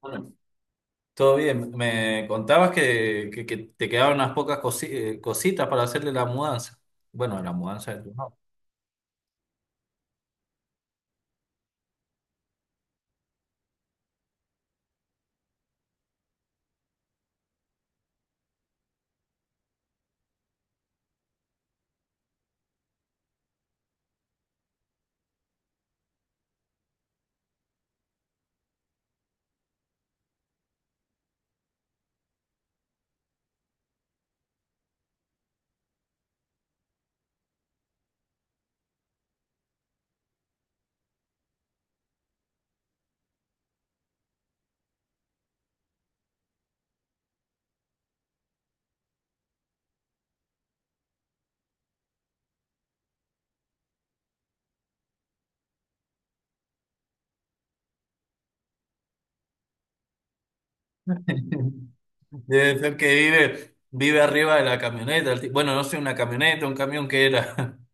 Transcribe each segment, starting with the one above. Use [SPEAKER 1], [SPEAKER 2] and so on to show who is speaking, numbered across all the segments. [SPEAKER 1] Bueno, todo bien. Me contabas que te quedaban unas pocas cositas para hacerle la mudanza. Bueno, la mudanza de tu no. Debe ser que vive arriba de la camioneta. Bueno, no sé, una camioneta, un camión que era.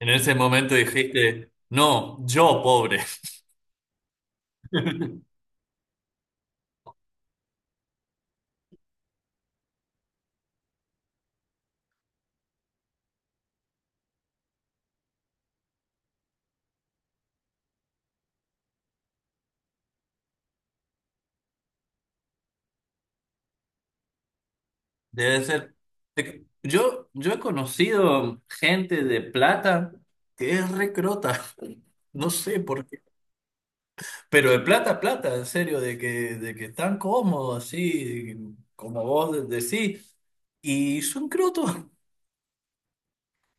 [SPEAKER 1] En ese momento dijiste, no, yo pobre. Debe ser. Yo he conocido gente de plata que es recrota. No sé por qué. Pero de plata, plata, en serio, de que están cómodos, así, como vos decís. Y son crotos.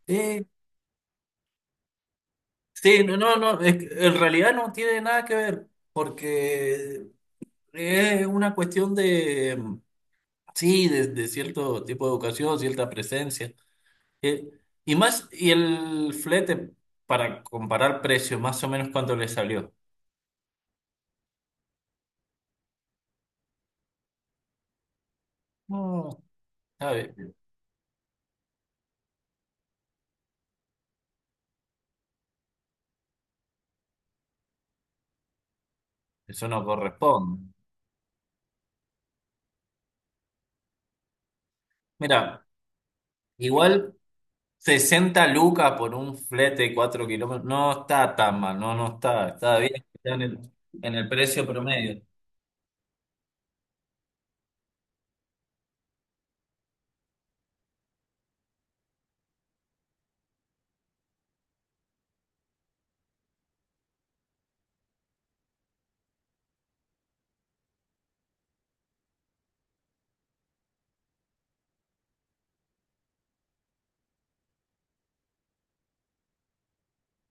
[SPEAKER 1] Eh, sí, no, no, no, es que en realidad no tiene nada que ver, porque es una cuestión de, sí, de cierto tipo de educación, cierta presencia. Eh, y más, y el flete, para comparar precio, más o menos cuánto le salió. No, ¿sabe? Eso no corresponde. Mira, igual. Sesenta lucas por un flete de 4 kilómetros. No está tan mal, no, no está. Está bien, está en el precio promedio.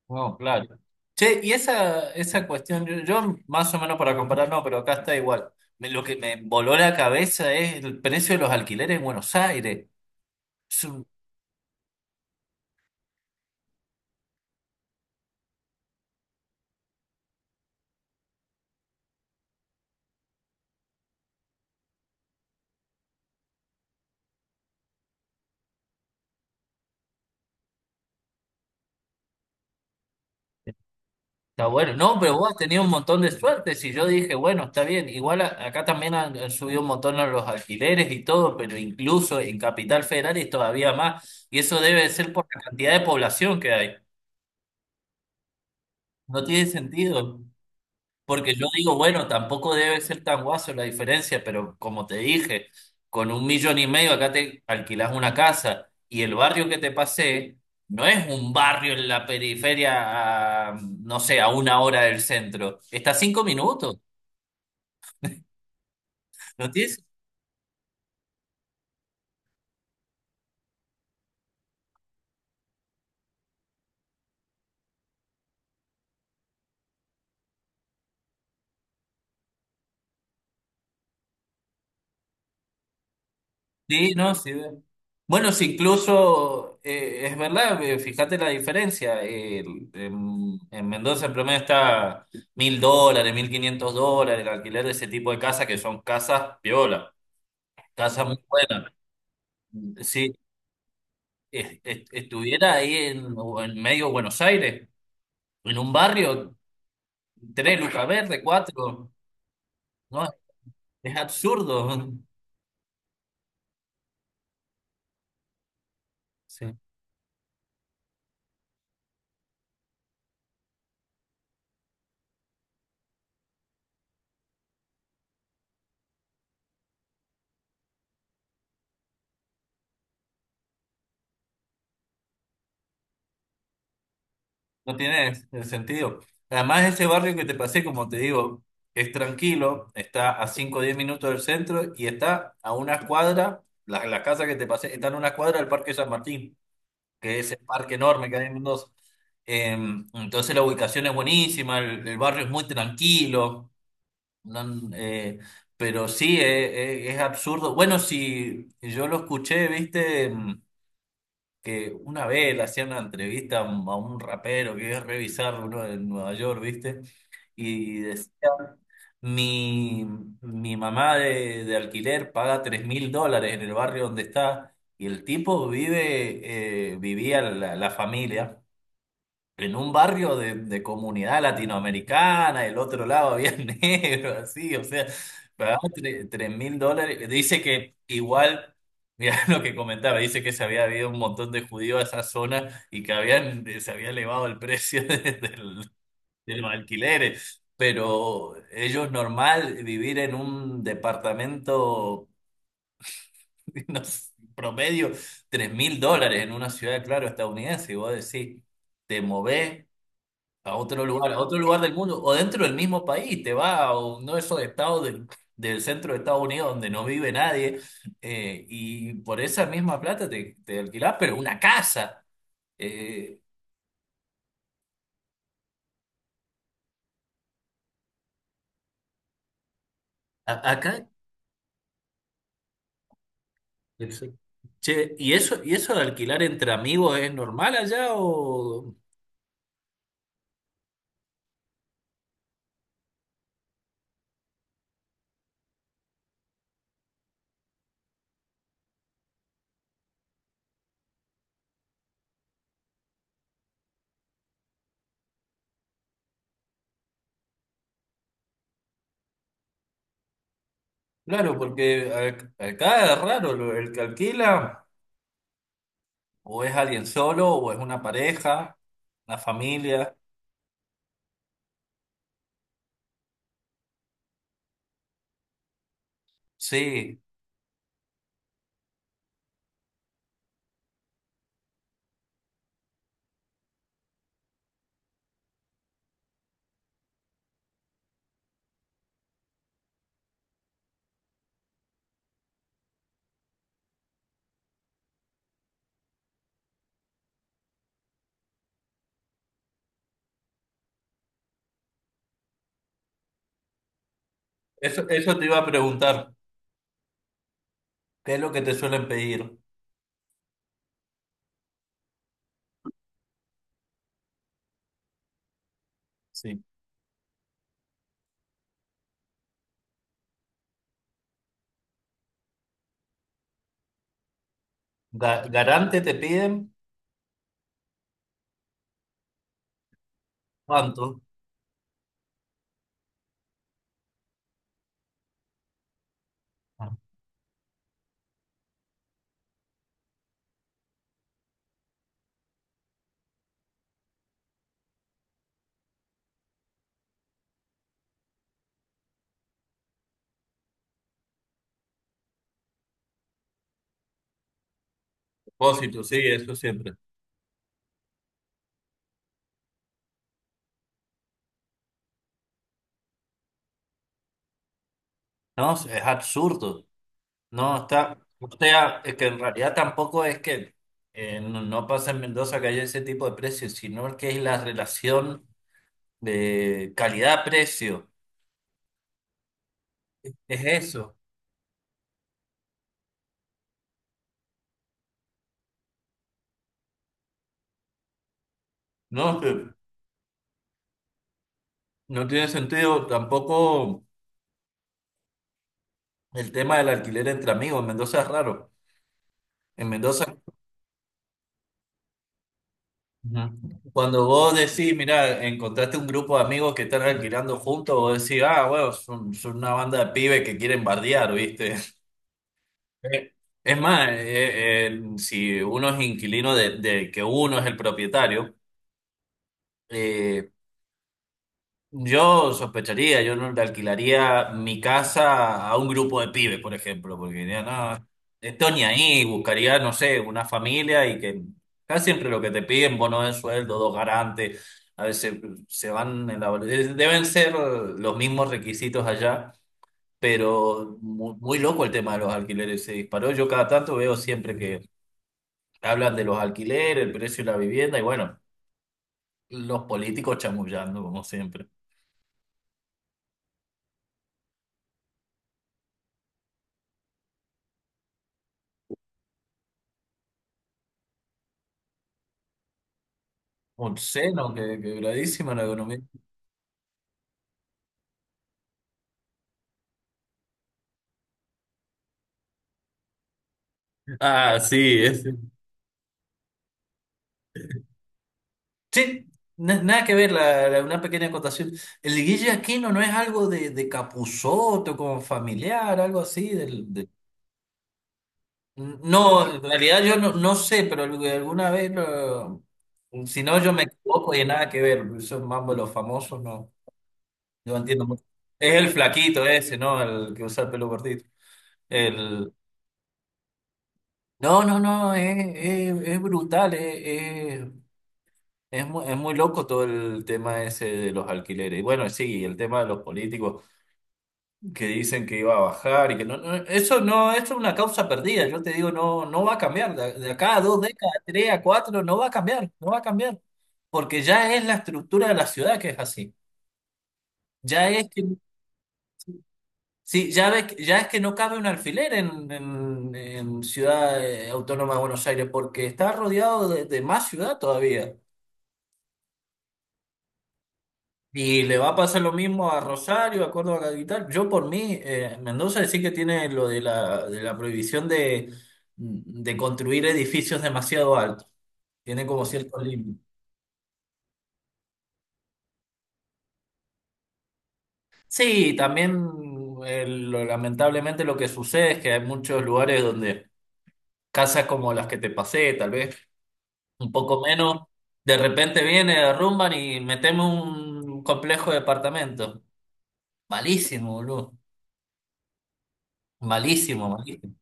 [SPEAKER 1] No, claro. Che, y esa cuestión, yo más o menos para comparar, no, pero acá está igual. Lo que me voló la cabeza es el precio de los alquileres en Buenos Aires. Está bueno. No, pero vos has tenido un montón de suerte. Si yo dije, bueno, está bien. Igual acá también han subido un montón los alquileres y todo, pero incluso en Capital Federal es todavía más. Y eso debe ser por la cantidad de población que hay. No tiene sentido. Porque yo digo, bueno, tampoco debe ser tan guaso la diferencia, pero como te dije, con un millón y medio acá te alquilas una casa, y el barrio que te pasé no es un barrio en la periferia, a, no sé, a una hora del centro. Está a 5 minutos. ¿Lo tienes? Sí, no, sí. ve. Bueno, sí, incluso es verdad, fíjate la diferencia. En Mendoza el promedio está 1000 dólares, 1500 dólares, el alquiler de ese tipo de casas que son casas piola, casas muy buenas. Si estuviera ahí en, o en medio de Buenos Aires, en un barrio, 3 lucas verde, cuatro, no, es absurdo. Sí. No tiene sentido. Además, ese barrio que te pasé, como te digo, es tranquilo, está a 5 o 10 minutos del centro y está a una cuadra, la casa que te pasé está en una cuadra del Parque San Martín, que es el parque enorme que hay en Mendoza. Eh, entonces la ubicación es buenísima, el barrio es muy tranquilo, no- eh, pero sí, es absurdo. Bueno, si yo lo escuché, viste. Que una vez le hacían una entrevista a un rapero que es revisar uno en Nueva York, ¿viste? Y decía, mi, mi mamá de alquiler paga 3000 dólares en el barrio donde está, y el tipo vivía, la familia, en un barrio de comunidad latinoamericana, el otro lado había negro, así, o sea, pagaba 3000 dólares. Dice que igual, mira, lo que comentaba, dice que se había habido un montón de judíos a esa zona y que se había elevado el precio de los alquileres, pero ellos normal vivir en un departamento, no sé, promedio, 3000 dólares en una ciudad, claro, estadounidense, y vos decís, te movés a otro lugar del mundo o dentro del mismo país, te va a uno de esos estados del, centro de Estados Unidos donde no vive nadie, y por esa misma plata te alquilás, pero una casa. Eh, acá, perfecto. Che, y eso de alquilar entre amigos es normal allá o...? Claro, porque acá es raro, el que alquila o es alguien solo o es una pareja, una familia. Sí, eso te iba a preguntar. ¿Qué es lo que te suelen pedir? Sí. ¿Garante te piden cuánto? Ah, depósito, sí, eso siempre. No, es absurdo. No, está. O sea, es que en realidad tampoco es que no, no pasa en Mendoza que haya ese tipo de precios, sino que es la relación de calidad-precio. Es eso. No, no tiene sentido tampoco el tema del alquiler entre amigos. En Mendoza es raro. En Mendoza. Ujú. Cuando vos decís, mira, encontraste un grupo de amigos que están alquilando juntos, vos decís, ah, bueno, son una banda de pibes que quieren bardear, ¿viste? Eh, Es más, si uno es inquilino de que uno es el propietario, eh, yo sospecharía, yo no le alquilaría mi casa a un grupo de pibes, por ejemplo, porque diría, no, esto ni ahí, buscaría, no sé, una familia, y que casi siempre lo que te piden, bono de sueldo, dos garantes, a veces se van en la... Deben ser los mismos requisitos allá, pero muy, muy loco el tema de los alquileres, se disparó. Yo cada tanto veo siempre que hablan de los alquileres, el precio de la vivienda, y bueno, los políticos chamullando, como siempre. Obsceno, que, quebradísima la economía. Ah, sí, es, sí, nada que ver, una pequeña acotación. El Guille Aquino, no es algo de Capusotto, como familiar, algo así. No, en realidad yo no, no sé, pero alguna vez, si no, yo me equivoco y nada que ver. Esos mambo de los famosos, no, yo entiendo mucho. Es el flaquito ese, ¿no? El que usa el pelo cortito. El... No, no, no, es, es brutal, es, es muy loco todo el tema ese de los alquileres. Y bueno, sí, el tema de los políticos que dicen que iba a bajar, y que no, eso no, eso es una causa perdida. Yo te digo, no va a cambiar. De acá a dos décadas, tres a cuatro, no va a cambiar, no va a cambiar. Porque ya es la estructura de la ciudad, que es así. Ya es que, sí, ya ves, ya es que no cabe un alfiler en Ciudad Autónoma de Buenos Aires, porque está rodeado de más ciudad todavía. Y le va a pasar lo mismo a Rosario, a Córdoba Capital. Yo por mí, Mendoza sí que tiene lo de la prohibición de, construir edificios demasiado altos. Tiene como ciertos límites. Sí, también lamentablemente lo que sucede es que hay muchos lugares donde casas como las que te pasé, tal vez un poco menos, de repente viene, derrumban y metemos un complejo de apartamentos. Malísimo, boludo. Malísimo, malísimo.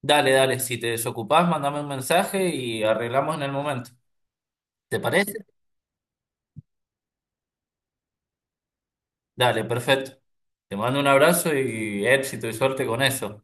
[SPEAKER 1] Dale, dale, si te desocupás, mandame un mensaje y arreglamos en el momento. ¿Te parece? Dale, perfecto. Te mando un abrazo y éxito y suerte con eso.